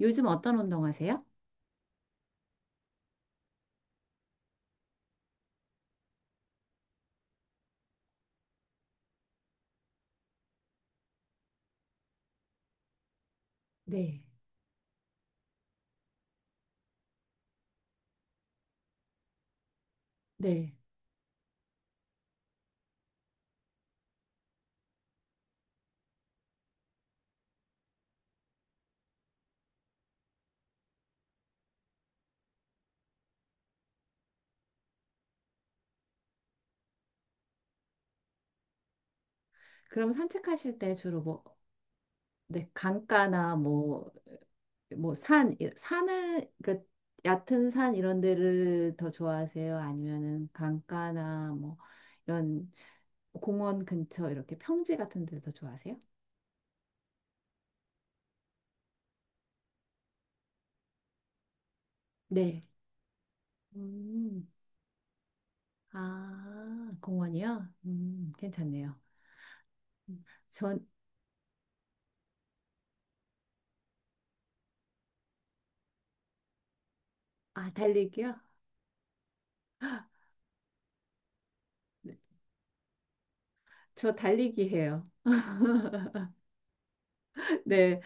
요즘 어떤 운동하세요? 네. 네. 그럼 산책하실 때 주로 뭐, 네, 강가나 뭐, 뭐 산, 산을, 그, 얕은 산 이런 데를 더 좋아하세요? 아니면은 강가나 뭐, 이런 공원 근처 이렇게 평지 같은 데를 더 좋아하세요? 네. 음, 아, 공원이요? 괜찮네요. 음, 전, 아, 달리기요? 네, 저 달리기 해요. 네,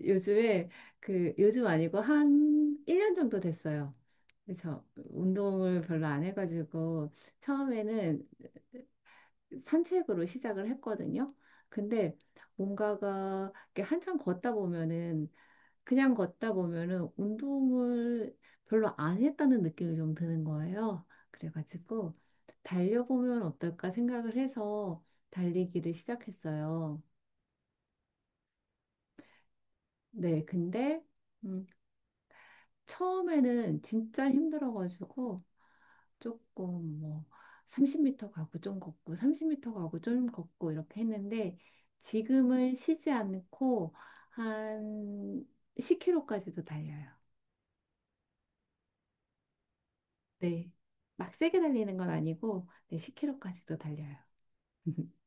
요즘에 그 요즘 아니고 한 1년 정도 됐어요. 저 운동을 별로 안 해가지고 처음에는 산책으로 시작을 했거든요. 근데 뭔가가 이렇게 한참 걷다 보면은 그냥 걷다 보면은 운동을 별로 안 했다는 느낌이 좀 드는 거예요. 그래가지고 달려보면 어떨까 생각을 해서 달리기를 시작했어요. 네, 근데 음, 처음에는 진짜 힘들어가지고 조금 뭐 30m 가고 좀 걷고 30m 가고 좀 걷고 이렇게 했는데 지금은 쉬지 않고 한 10km까지도 달려요. 네. 막 세게 달리는 건 아니고 네, 10km까지도 달려요.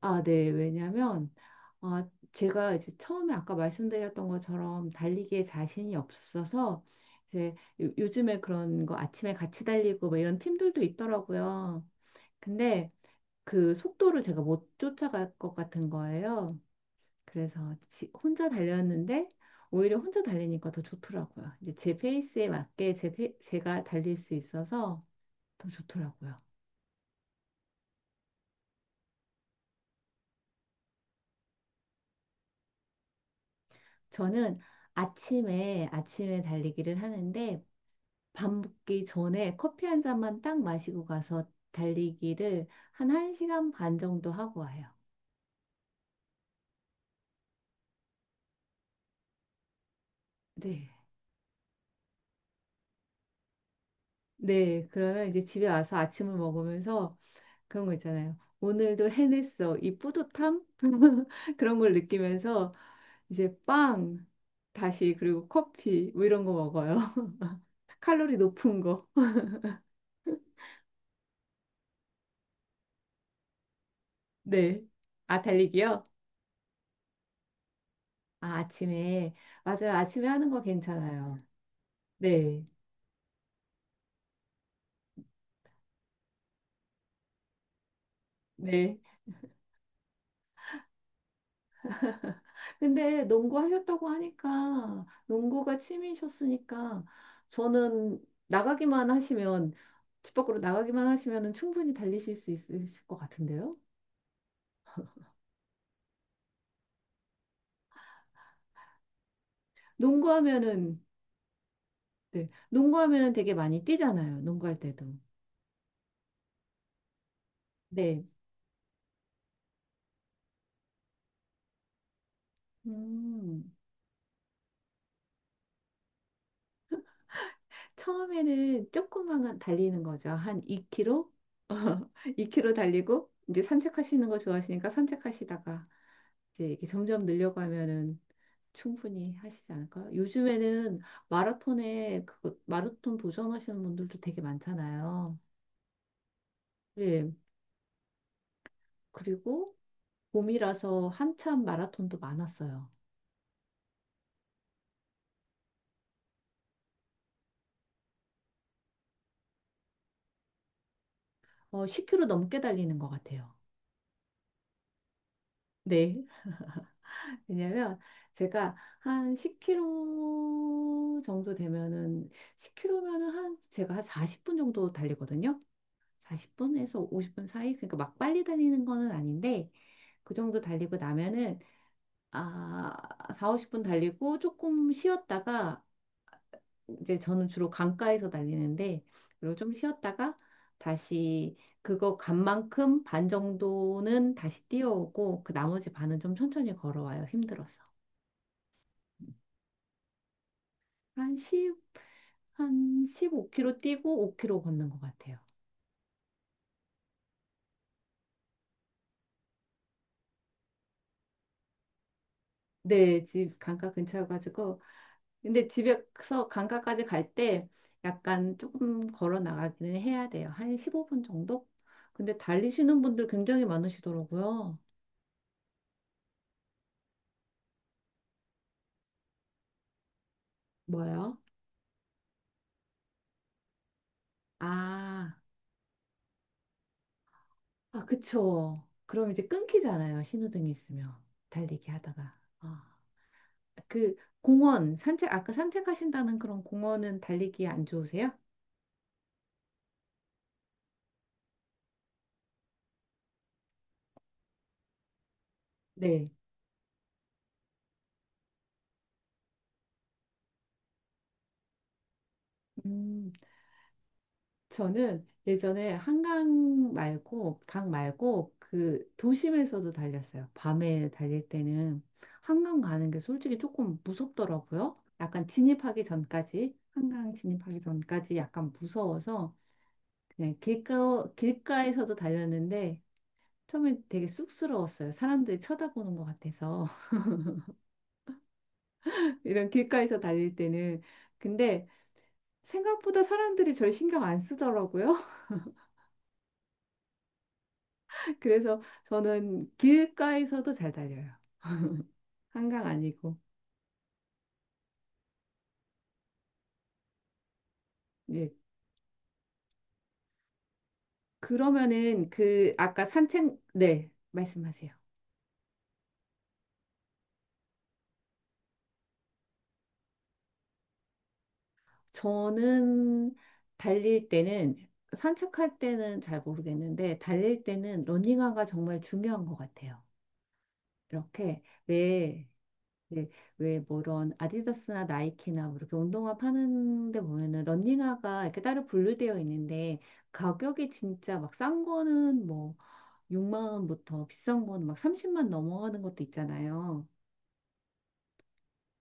아, 네. 왜냐면, 아, 제가 이제 처음에 아까 말씀드렸던 것처럼 달리기에 자신이 없어서, 이제 요즘에 그런 거 아침에 같이 달리고 뭐 이런 팀들도 있더라고요. 근데 그 속도를 제가 못 쫓아갈 것 같은 거예요. 그래서 혼자 달렸는데, 오히려 혼자 달리니까 더 좋더라고요. 이제 제 페이스에 맞게 제 페, 제가 달릴 수 있어서 더 좋더라고요. 저는 아침에, 아침에 달리기를 하는데, 밥 먹기 전에 커피 한 잔만 딱 마시고 가서 달리기를 한 1시간 반 정도 하고 와요. 네. 네. 그러면 이제 집에 와서 아침을 먹으면서 그런 거 있잖아요. 오늘도 해냈어. 이 뿌듯함? 그런 걸 느끼면서 이제 빵, 다시 그리고 커피 뭐 이런 거 먹어요. 칼로리 높은 거. 네. 아, 달리기요? 아, 아침에. 맞아요. 아침에 하는 거 괜찮아요. 네. 네. 근데 농구하셨다고 하니까 농구가 취미셨으니까 저는 나가기만 하시면 집 밖으로 나가기만 하시면은 충분히 달리실 수 있을 것 같은데요. 농구하면은 네, 농구하면은 되게 많이 뛰잖아요. 농구할 때도. 네. 음. 처음에는 조금만 달리는 거죠. 한 2km? 2km 달리고 이제 산책하시는 거 좋아하시니까 산책하시다가 이제 이렇게 점점 늘려가면은 충분히 하시지 않을까요? 요즘에는 마라톤에 그거 마라톤 도전하시는 분들도 되게 많잖아요. 예. 그리고 봄이라서 한참 마라톤도 많았어요. 어, 10km 넘게 달리는 것 같아요. 네. 왜냐면 제가 한 10km 정도 되면은 10km면은 한 제가 한 40분 정도 달리거든요. 40분에서 50분 사이. 그러니까 막 빨리 달리는 거는 아닌데 그 정도 달리고 나면은 아, 4, 50분 달리고 조금 쉬었다가 이제 저는 주로 강가에서 달리는데 그리고 좀 쉬었다가 다시 그거 간 만큼 반 정도는 다시 뛰어오고 그 나머지 반은 좀 천천히 걸어와요. 힘들어서. 한1한 15km 뛰고 5km 걷는 것 같아요. 네, 집 강가 근처여가지고 근데 집에서 강가까지 갈 때 약간 조금 걸어 나가기는 해야 돼요. 한 15분 정도? 근데 달리시는 분들 굉장히 많으시더라고요. 뭐요? 아, 아, 그쵸. 그럼 이제 끊기잖아요. 신호등이 있으면. 달리기 하다가. 아, 그 공원, 산책, 아까 산책하신다는 그런 공원은 달리기 안 좋으세요? 네. 음. 저는 예전에 한강 말고, 강 말고, 그 도심에서도 달렸어요. 밤에 달릴 때는 한강 가는 게 솔직히 조금 무섭더라고요. 약간 진입하기 전까지, 한강 진입하기 전까지 약간 무서워서 그냥 길가, 길가에서도 달렸는데 처음엔 되게 쑥스러웠어요. 사람들이 쳐다보는 것 같아서. 이런 길가에서 달릴 때는. 근데 생각보다 사람들이 절 신경 안 쓰더라고요. 그래서 저는 길가에서도 잘 달려요. 한강 아니고. 예. 그러면은 그 아까 산책 네, 말씀하세요. 저는 달릴 때는 산책할 때는 잘 모르겠는데 달릴 때는 러닝화가 정말 중요한 것 같아요. 이렇게 왜 왜, 왜뭐 이런 아디다스나 나이키나 뭐 이렇게 운동화 파는 데 보면은 러닝화가 이렇게 따로 분류되어 있는데 가격이 진짜 막 싼 거는 뭐 6만 원부터 비싼 거는 막 30만 넘어가는 것도 있잖아요.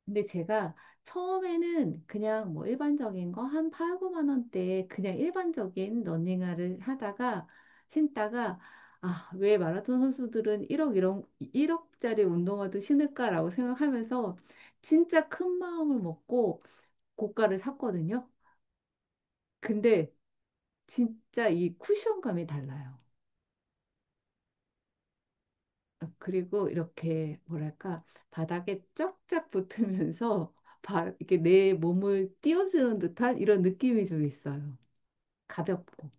근데 제가 처음에는 그냥 뭐 일반적인 거 한 8, 9만 원대에 그냥 일반적인 러닝화를 하다가 신다가 아, 왜 마라톤 선수들은 1억 이런 1억짜리 운동화도 신을까라고 생각하면서 진짜 큰 마음을 먹고 고가를 샀거든요. 근데 진짜 이 쿠션감이 달라요. 어, 그리고 이렇게 뭐랄까 바닥에 쫙쫙 붙으면서 이렇게 내 몸을 띄워주는 듯한 이런 느낌이 좀 있어요. 가볍고.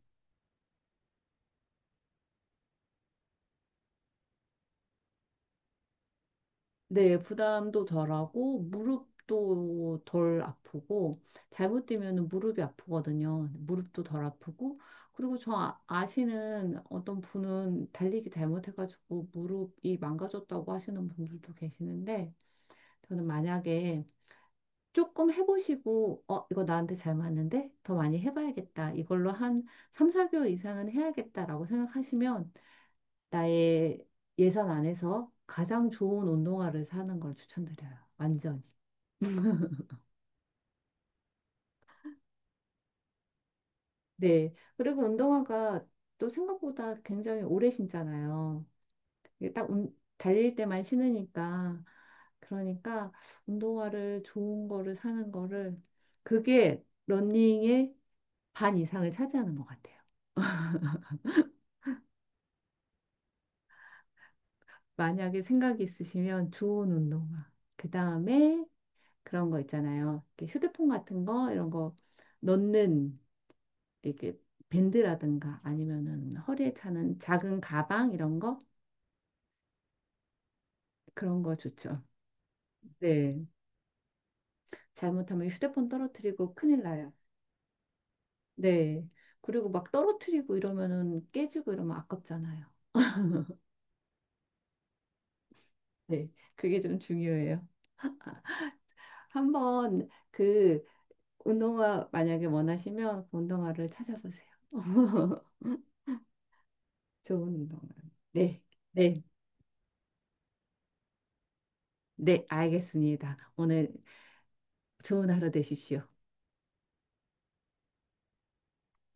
네, 부담도 덜하고 무릎도 덜 아프고 잘못 뛰면 무릎이 아프거든요. 무릎도 덜 아프고 그리고 저 아시는 어떤 분은 달리기 잘못해가지고 무릎이 망가졌다고 하시는 분들도 계시는데 저는 만약에 조금 해보시고, 어, 이거 나한테 잘 맞는데? 더 많이 해봐야겠다. 이걸로 한 3, 4개월 이상은 해야겠다라고 생각하시면 나의 예산 안에서 가장 좋은 운동화를 사는 걸 추천드려요. 완전히. 네. 그리고 운동화가 또 생각보다 굉장히 오래 신잖아요. 이게 딱 달릴 때만 신으니까. 그러니까 운동화를 좋은 거를 사는 거를 그게 러닝의 반 이상을 차지하는 것 같아요. 만약에 생각이 있으시면 좋은 운동화. 그 다음에 그런 거 있잖아요. 이렇게 휴대폰 같은 거, 이런 거 넣는 이렇게 밴드라든가 아니면은 허리에 차는 작은 가방 이런 거 그런 거 좋죠. 네. 잘못하면 휴대폰 떨어뜨리고 큰일 나요. 네. 그리고 막 떨어뜨리고 이러면은 깨지고 이러면 아깝잖아요. 네. 그게 좀 중요해요. 한번 그 운동화 만약에 원하시면 그 운동화를 찾아보세요. 좋은 운동을. 네, 네, 네, 알겠습니다. 오늘 좋은 하루 되십시오.